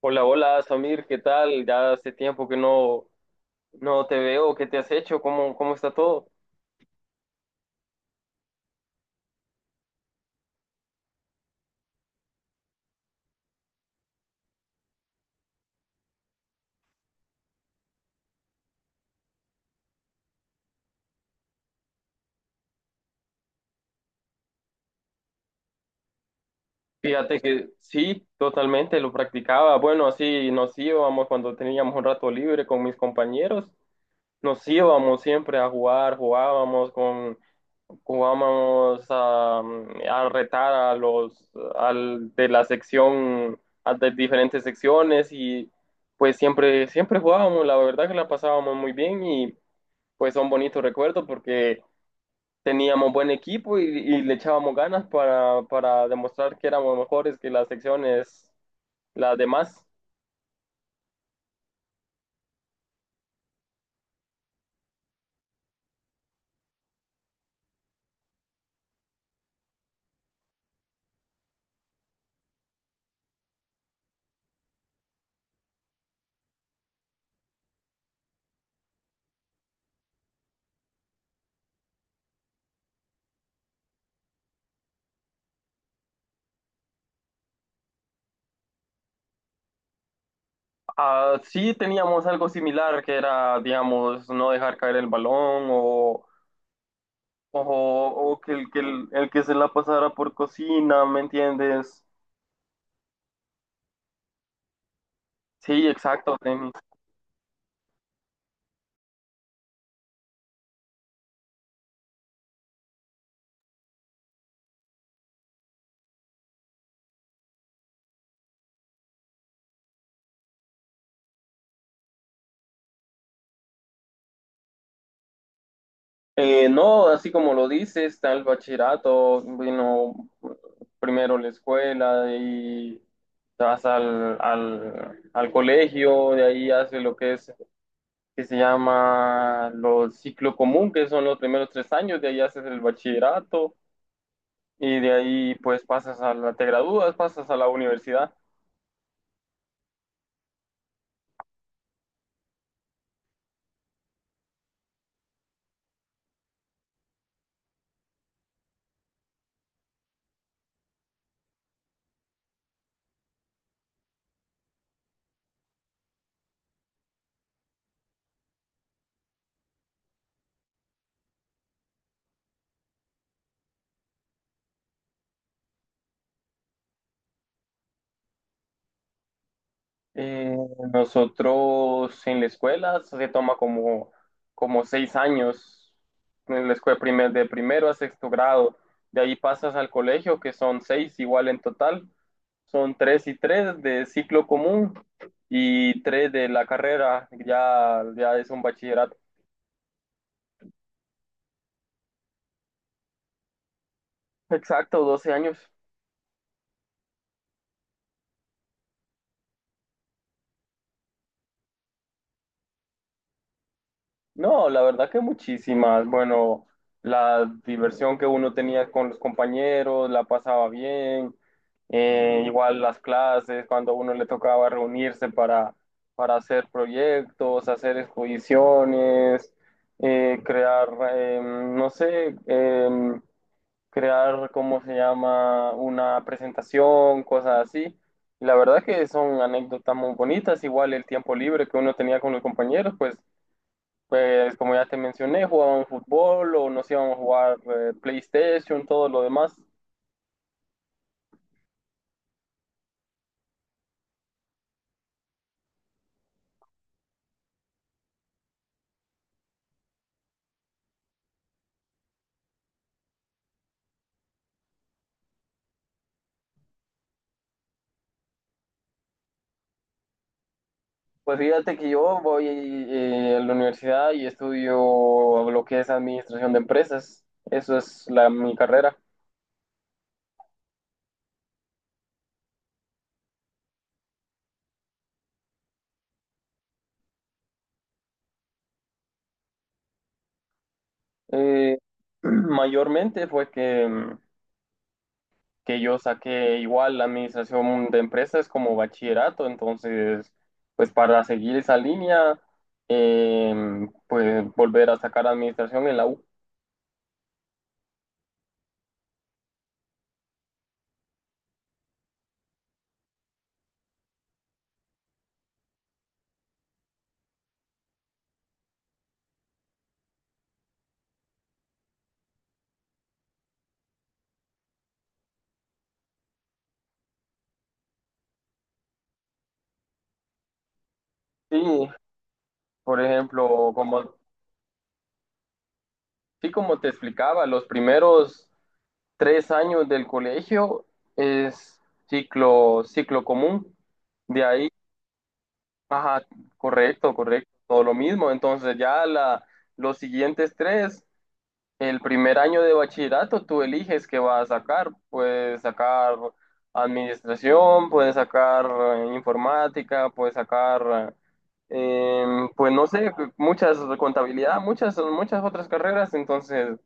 Hola, hola, Samir, ¿qué tal? Ya hace tiempo que no te veo, ¿qué te has hecho? ¿Cómo está todo? Fíjate que sí, totalmente, lo practicaba. Bueno, así nos íbamos cuando teníamos un rato libre con mis compañeros, nos íbamos siempre a jugar, jugábamos a retar a de la sección, a de diferentes secciones, y pues siempre, siempre jugábamos, la verdad que la pasábamos muy bien, y pues son bonitos recuerdos porque teníamos buen equipo y le echábamos ganas para demostrar que éramos mejores que las secciones, las demás. Ah, sí teníamos algo similar que era, digamos, no dejar caer el balón o, o que el que se la pasara por cocina, ¿me entiendes? Sí, exacto, tenis. No, así como lo dices, está el bachillerato. Vino primero la escuela y te vas al colegio. De ahí haces lo que es, que se llama, los ciclo común, que son los primeros tres años. De ahí haces el bachillerato y de ahí pues pasas a la, te gradúas, pasas a la universidad. Eh, Nosotros en la escuela se toma como seis años, en la escuela de primero a sexto grado. De ahí pasas al colegio, que son seis igual en total. Son tres y tres de ciclo común y tres de la carrera. Ya, ya es un bachillerato. Exacto, 12 años. No, la verdad que muchísimas. Bueno, la diversión que uno tenía con los compañeros, la pasaba bien. Igual las clases, cuando a uno le tocaba reunirse para hacer proyectos, hacer exposiciones, crear, no sé, crear, ¿cómo se llama?, una presentación, cosas así. Y la verdad que son anécdotas muy bonitas. Igual el tiempo libre que uno tenía con los compañeros, pues como ya te mencioné, jugaban fútbol o nos íbamos a jugar PlayStation, todo lo demás. Pues fíjate que yo voy a la universidad y estudio lo que es administración de empresas. Eso es la, mi carrera. Eh, Mayormente fue que yo saqué igual la administración de empresas como bachillerato. Entonces, pues para seguir esa línea, eh, pues volver a sacar administración en la U. Sí, por ejemplo, como sí, como te explicaba, los primeros tres años del colegio es ciclo común. De ahí, ajá, correcto, correcto, todo lo mismo. Entonces ya la, los siguientes tres, el primer año de bachillerato, tú eliges qué vas a sacar. Puedes sacar administración, puedes sacar informática, puedes sacar, eh, pues no sé, muchas contabilidad, muchas, muchas otras carreras. Entonces...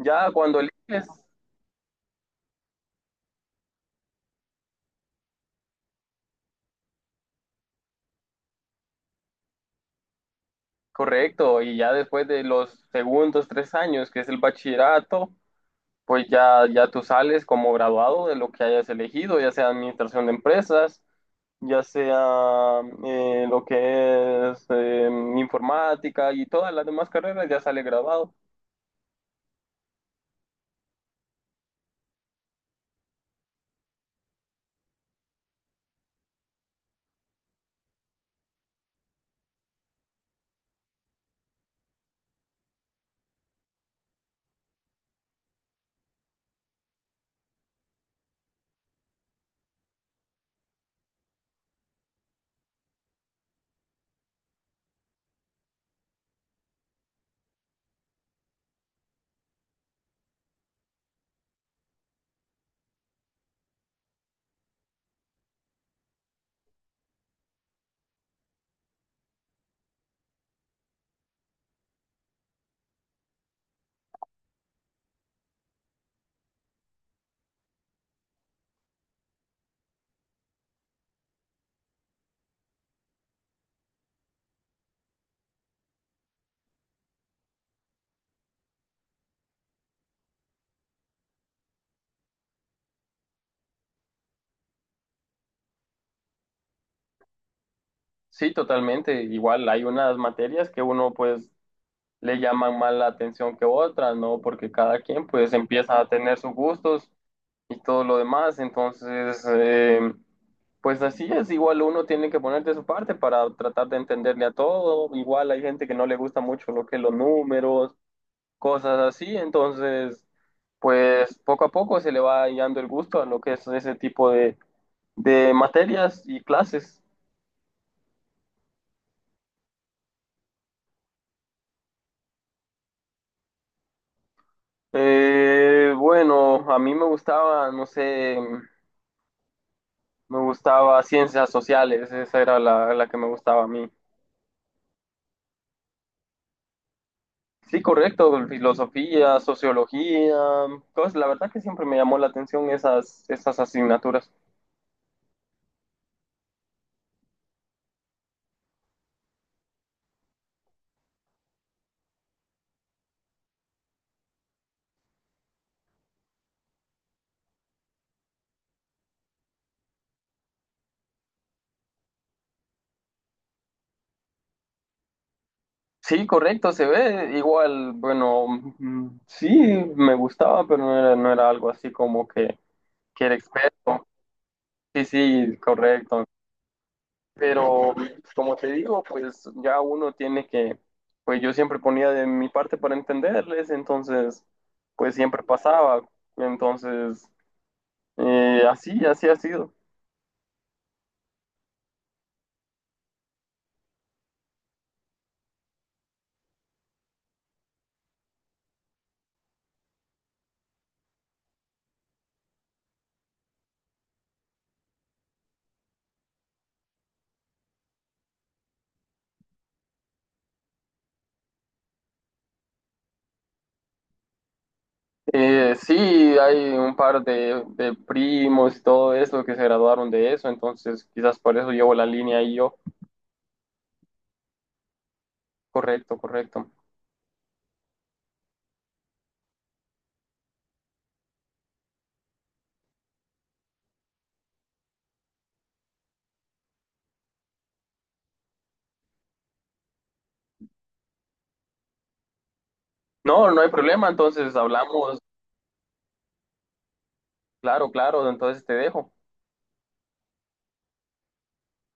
Ya cuando eliges, correcto, y ya después de los segundos tres años, que es el bachillerato, pues ya, ya tú sales como graduado de lo que hayas elegido, ya sea administración de empresas, ya sea lo que es informática y todas las demás carreras, ya sale graduado. Sí, totalmente. Igual hay unas materias que uno pues le llaman más la atención que otras, ¿no? Porque cada quien pues empieza a tener sus gustos y todo lo demás, entonces pues así es. Igual uno tiene que poner de su parte para tratar de entenderle a todo. Igual hay gente que no le gusta mucho lo que es los números, cosas así, entonces pues poco a poco se le va hallando el gusto a lo que es ese tipo de materias y clases. Bueno, a mí me gustaba, no sé, me gustaba ciencias sociales. Esa era la, la que me gustaba a mí. Sí, correcto, filosofía, sociología, cosas. La verdad que siempre me llamó la atención esas, esas asignaturas. Sí, correcto, se ve igual, bueno, sí, me gustaba, pero no era, no era algo así como que era experto. Sí, sí, correcto. Pero pues, como te digo, pues ya uno tiene que, pues yo siempre ponía de mi parte para entenderles, entonces pues siempre pasaba. Entonces, así, así ha sido. Sí, hay un par de primos y todo eso que se graduaron de eso, entonces quizás por eso llevo la línea ahí yo. Correcto, correcto. No, no hay problema, entonces hablamos, claro, claro, entonces te dejo.